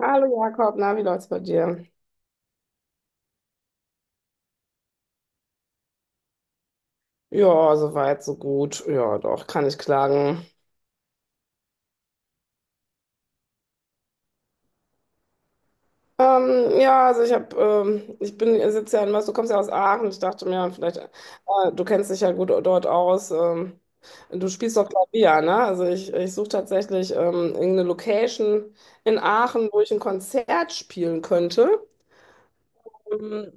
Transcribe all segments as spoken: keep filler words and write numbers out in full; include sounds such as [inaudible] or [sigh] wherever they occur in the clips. Hallo Jakob, na, wie läuft's bei dir? Ja, soweit, so gut. Ja, doch, kann ich klagen. Ähm, ja, also ich habe, ähm, ich bin, ich sitze ja in Mörs, du kommst ja aus Aachen. Ich dachte mir, vielleicht, äh, du kennst dich ja gut dort aus. Ähm, du spielst doch Klavier, ne? Also ich, ich suche tatsächlich ähm, irgendeine Location in Aachen, wo ich ein Konzert spielen könnte. Ähm,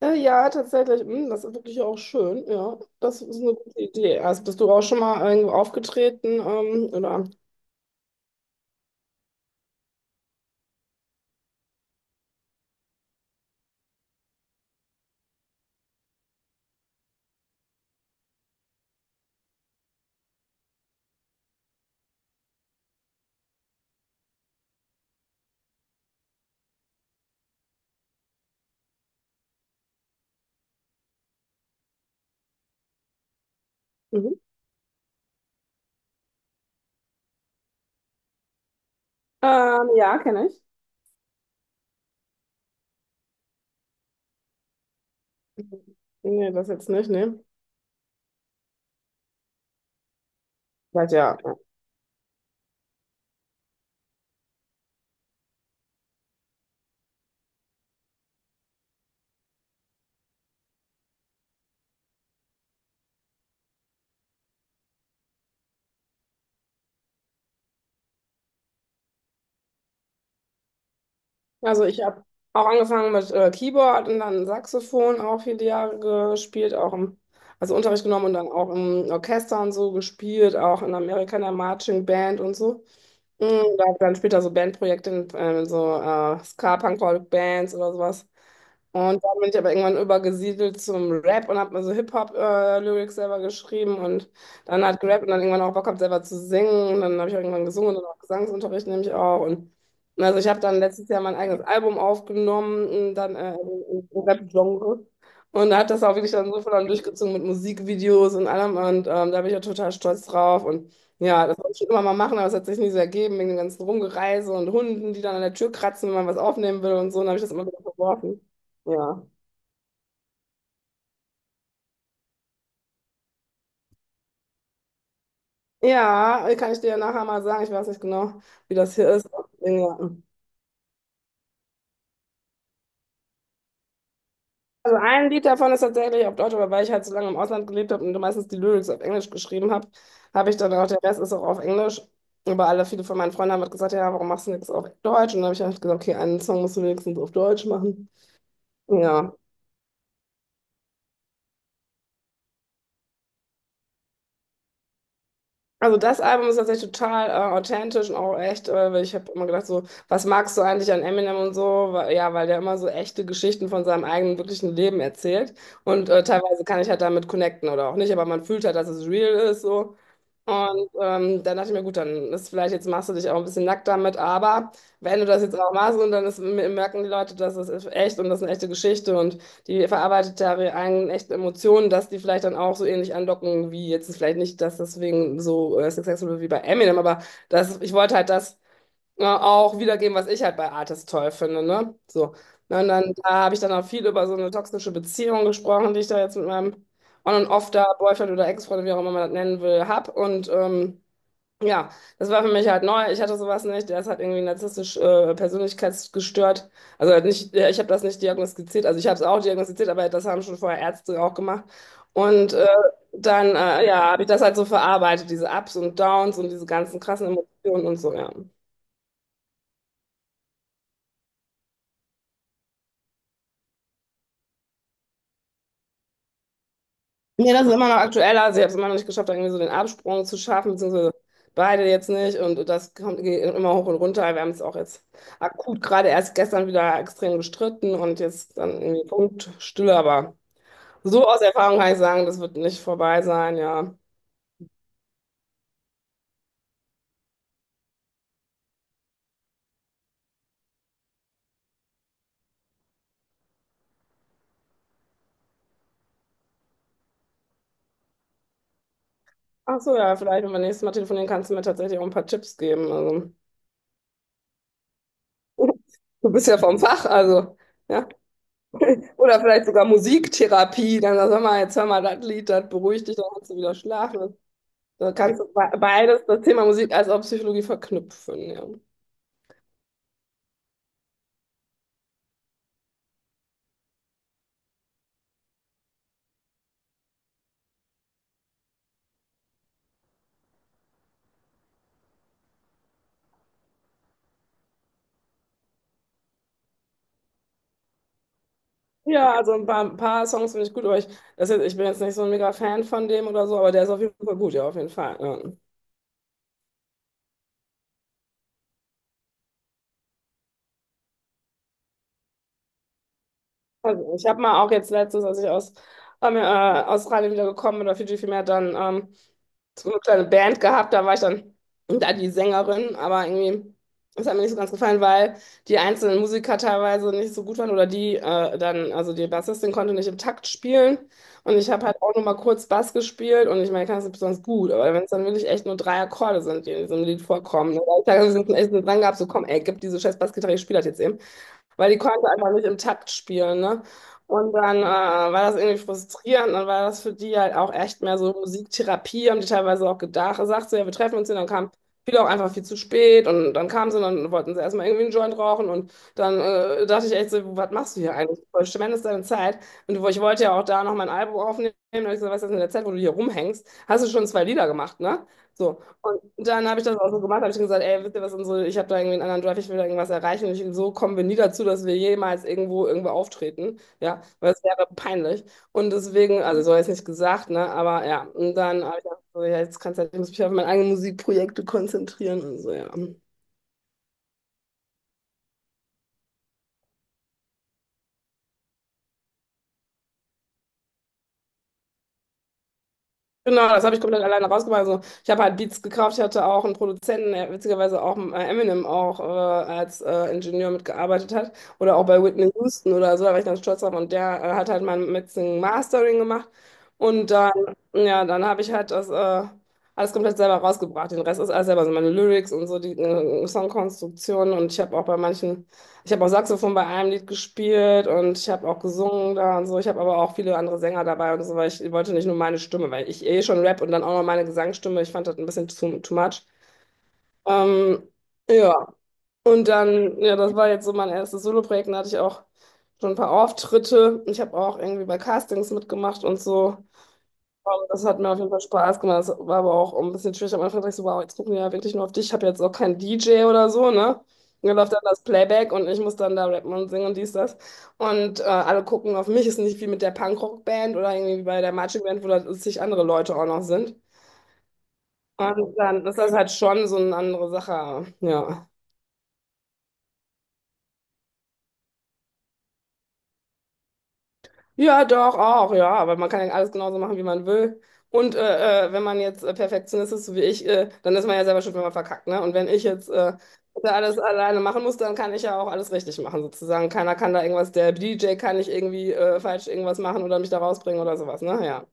äh, ja, tatsächlich, mh, das ist wirklich auch schön. Ja, das ist eine gute Idee. Also bist du auch schon mal irgendwo aufgetreten, ähm, oder? Mhm. Ähm, ja, kenne ich. Nee, das jetzt nicht, nee. Weil ja. Also ich habe auch angefangen mit äh, Keyboard und dann Saxophon auch viele Jahre gespielt, auch im, also Unterricht genommen und dann auch im Orchester und so gespielt, auch in Amerika in der Marching Band und so. Und da dann später so Bandprojekte in, äh, so äh, Ska-Punk-Rock-Bands oder sowas. Und dann bin ich aber irgendwann übergesiedelt zum Rap und habe mir so Hip-Hop-Lyrics selber geschrieben und dann hat gerappt und dann irgendwann auch Bock gehabt, selber zu singen. Und dann habe ich auch irgendwann gesungen und auch Gesangsunterricht nehme ich auch. Und und also ich habe dann letztes Jahr mein eigenes Album aufgenommen, und dann äh, im im Rap-Genre. Und da hat das auch wirklich dann so voll dann durchgezogen mit Musikvideos und allem. Und ähm, da bin ich ja total stolz drauf. Und ja, das wollte ich schon immer mal machen, aber es hat sich nie so ergeben, wegen dem ganzen Rumgereise und Hunden, die dann an der Tür kratzen, wenn man was aufnehmen will und so. Und dann habe ich das immer wieder verworfen. Ja. Ja, kann ich dir ja nachher mal sagen. Ich weiß nicht genau, wie das hier ist. Ja. Also ein Lied davon ist tatsächlich auf Deutsch, aber weil ich halt so lange im Ausland gelebt habe und meistens die Lyrics auf Englisch geschrieben habe, habe ich dann auch, der Rest ist auch auf Englisch. Aber alle, viele von meinen Freunden haben halt gesagt, ja, warum machst du nichts auf Deutsch? Und dann habe ich halt gesagt, okay, einen Song musst du wenigstens auf Deutsch machen. Ja, also das Album ist tatsächlich total äh, authentisch und auch echt, äh, weil ich habe immer gedacht so, was magst du eigentlich an Eminem und so? Weil, ja, weil der immer so echte Geschichten von seinem eigenen wirklichen Leben erzählt und äh, teilweise kann ich halt damit connecten oder auch nicht, aber man fühlt halt, dass es real ist so und ähm, dann dachte ich mir, gut, dann ist vielleicht, jetzt machst du dich auch ein bisschen nackt damit, aber wenn du das jetzt auch machst und dann ist, merken die Leute, dass es ist echt und das ist eine echte Geschichte und die verarbeitet da ihre eigenen echten Emotionen, dass die vielleicht dann auch so ähnlich andocken, wie jetzt vielleicht nicht, dass deswegen so äh, successful wie bei Eminem, aber das, ich wollte halt das ja, auch wiedergeben, was ich halt bei Artis toll finde, ne? So. Und dann da habe ich dann auch viel über so eine toxische Beziehung gesprochen, die ich da jetzt mit meinem On- und Off da, Boyfriend oder Ex-Freund, wie auch immer man das nennen will, hab. Und ähm, ja, das war für mich halt neu. Ich hatte sowas nicht. Der ist halt irgendwie narzisstisch äh, persönlichkeitsgestört. Also halt nicht, ja, ich habe das nicht diagnostiziert. Also ich habe es auch diagnostiziert, aber das haben schon vorher Ärzte auch gemacht. Und äh, dann, äh, ja, habe ich das halt so verarbeitet, diese Ups und Downs und diese ganzen krassen Emotionen und so, ja. Nee, das ist immer noch aktueller. Also ich habe es immer noch nicht geschafft, da irgendwie so den Absprung zu schaffen, beziehungsweise beide jetzt nicht. Und das kommt geht immer hoch und runter. Wir haben es auch jetzt akut gerade erst gestern wieder extrem gestritten und jetzt dann irgendwie Punktstille. Aber so aus Erfahrung kann ich sagen, das wird nicht vorbei sein, ja. Ach so, ja, vielleicht, wenn wir nächstes Mal telefonieren, kannst du mir tatsächlich auch ein paar Tipps geben. Also, [laughs] du bist ja vom Fach, also, ja. Oder vielleicht sogar Musiktherapie. Dann sag mal, jetzt hör mal das Lied, das beruhigt dich, dann kannst du wieder schlafen. Da kannst du be- beides, das Thema Musik als auch Psychologie verknüpfen, ja. Ja, also ein paar, ein paar Songs finde ich gut, aber ich, das jetzt, ich bin jetzt nicht so ein mega Fan von dem oder so, aber der ist auf jeden Fall gut, ja, auf jeden Fall. Ja. Also ich habe mal auch jetzt letztens, als ich aus ähm, äh, Australien wieder gekommen bin, oder Fiji vielmehr, dann ähm, so eine kleine Band gehabt, da war ich dann da die Sängerin, aber irgendwie, das hat mir nicht so ganz gefallen, weil die einzelnen Musiker teilweise nicht so gut waren oder die äh, dann, also die Bassistin konnte nicht im Takt spielen und ich habe halt auch nur mal kurz Bass gespielt und ich meine, ich kann es nicht besonders gut, aber wenn es dann wirklich echt nur drei Akkorde sind, die in diesem Lied vorkommen, ne, da habe ich da echt dran gehabt, so komm, ey, gib diese scheiß Bassgitarre, ich spiele das jetzt eben, weil die konnte einfach nicht im Takt spielen, ne? Und dann äh, war das irgendwie frustrierend, dann war das für die halt auch echt mehr so Musiktherapie, haben die teilweise auch gedacht, sagt so, ja, wir treffen uns hier, dann kam viele auch einfach viel zu spät und dann kamen sie und dann wollten sie erstmal irgendwie einen Joint rauchen und dann äh, dachte ich echt so, was machst du hier eigentlich? Du verschwendest deine Zeit und ich wollte ja auch da noch mein Album aufnehmen, und hab ich gesagt, was ist das in der Zeit, wo du hier rumhängst, hast du schon zwei Lieder gemacht, ne? So, und dann habe ich das auch so gemacht, habe ich gesagt, ey, wisst ihr was, unsere, ich habe da irgendwie einen anderen Drive, ich will da irgendwas erreichen. Und ich, so kommen wir nie dazu, dass wir jemals irgendwo irgendwo auftreten, ja, weil es wäre peinlich. Und deswegen, also so habe ich es nicht gesagt, ne, aber ja, und dann habe ich gesagt, so, ja, jetzt kannst du halt, ich muss mich auf meine eigenen Musikprojekte konzentrieren und so, ja. Genau, das habe ich komplett alleine rausgemacht. Also, ich habe halt Beats gekauft. Ich hatte auch einen Produzenten, der witzigerweise auch äh, Eminem auch äh, als äh, Ingenieur mitgearbeitet hat. Oder auch bei Whitney Houston oder so, da war ich ganz stolz drauf. Und der äh, hat halt mein Mixing Mastering gemacht. Und dann, ja, dann habe ich halt das äh, alles komplett selber rausgebracht. Den Rest ist alles selber, also meine Lyrics und so, die äh, Songkonstruktion. Und ich habe auch bei manchen. Ich habe auch Saxophon bei einem Lied gespielt und ich habe auch gesungen da und so. Ich habe aber auch viele andere Sänger dabei und so, weil ich wollte nicht nur meine Stimme, weil ich eh schon Rap und dann auch noch meine Gesangsstimme. Ich fand das ein bisschen too, too much. Ähm, ja, und dann, ja, das war jetzt so mein erstes Soloprojekt. Da hatte ich auch schon ein paar Auftritte. Ich habe auch irgendwie bei Castings mitgemacht und so. Ähm, Das hat mir auf jeden Fall Spaß gemacht. Das war aber auch ein bisschen schwierig. Am Anfang dachte ich so, wow, jetzt gucken die ja wirklich nur auf dich. Ich habe jetzt auch keinen D J oder so, ne? Und dann läuft dann das Playback und ich muss dann da rappen und singen und dies, das. Und äh, alle gucken auf mich. Ist nicht wie mit der Punkrock-Band oder irgendwie wie bei der Marching Band, wo da zig andere Leute auch noch sind. Und dann ist das halt schon so eine andere Sache. Ja. Ja, doch, auch, ja, aber man kann ja alles genauso machen, wie man will. Und äh, äh, wenn man jetzt äh, Perfektionist ist, so wie ich, äh, dann ist man ja selber schuld, wenn man verkackt, ne? Und wenn ich jetzt äh, da alles alleine machen muss, dann kann ich ja auch alles richtig machen, sozusagen. Keiner kann da irgendwas, der D J kann nicht irgendwie äh, falsch irgendwas machen oder mich da rausbringen oder sowas, ne? Ja.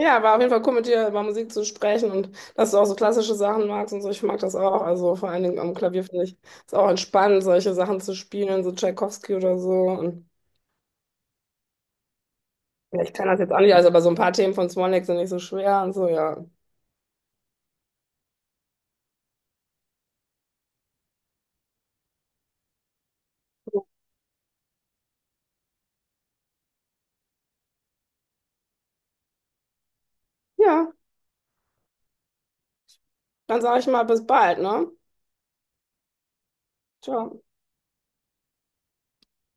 Ja, war auf jeden Fall cool, mit dir über Musik zu sprechen und dass du auch so klassische Sachen magst und so. Ich mag das auch. Also vor allen Dingen am Klavier finde ich es auch entspannend, solche Sachen zu spielen, so Tchaikovsky oder so. Und ja, ich kann das jetzt auch nicht, also aber so ein paar Themen von Swan Lake sind nicht so schwer und so, ja. Ja, dann sage ich mal bis bald, ne? Ciao.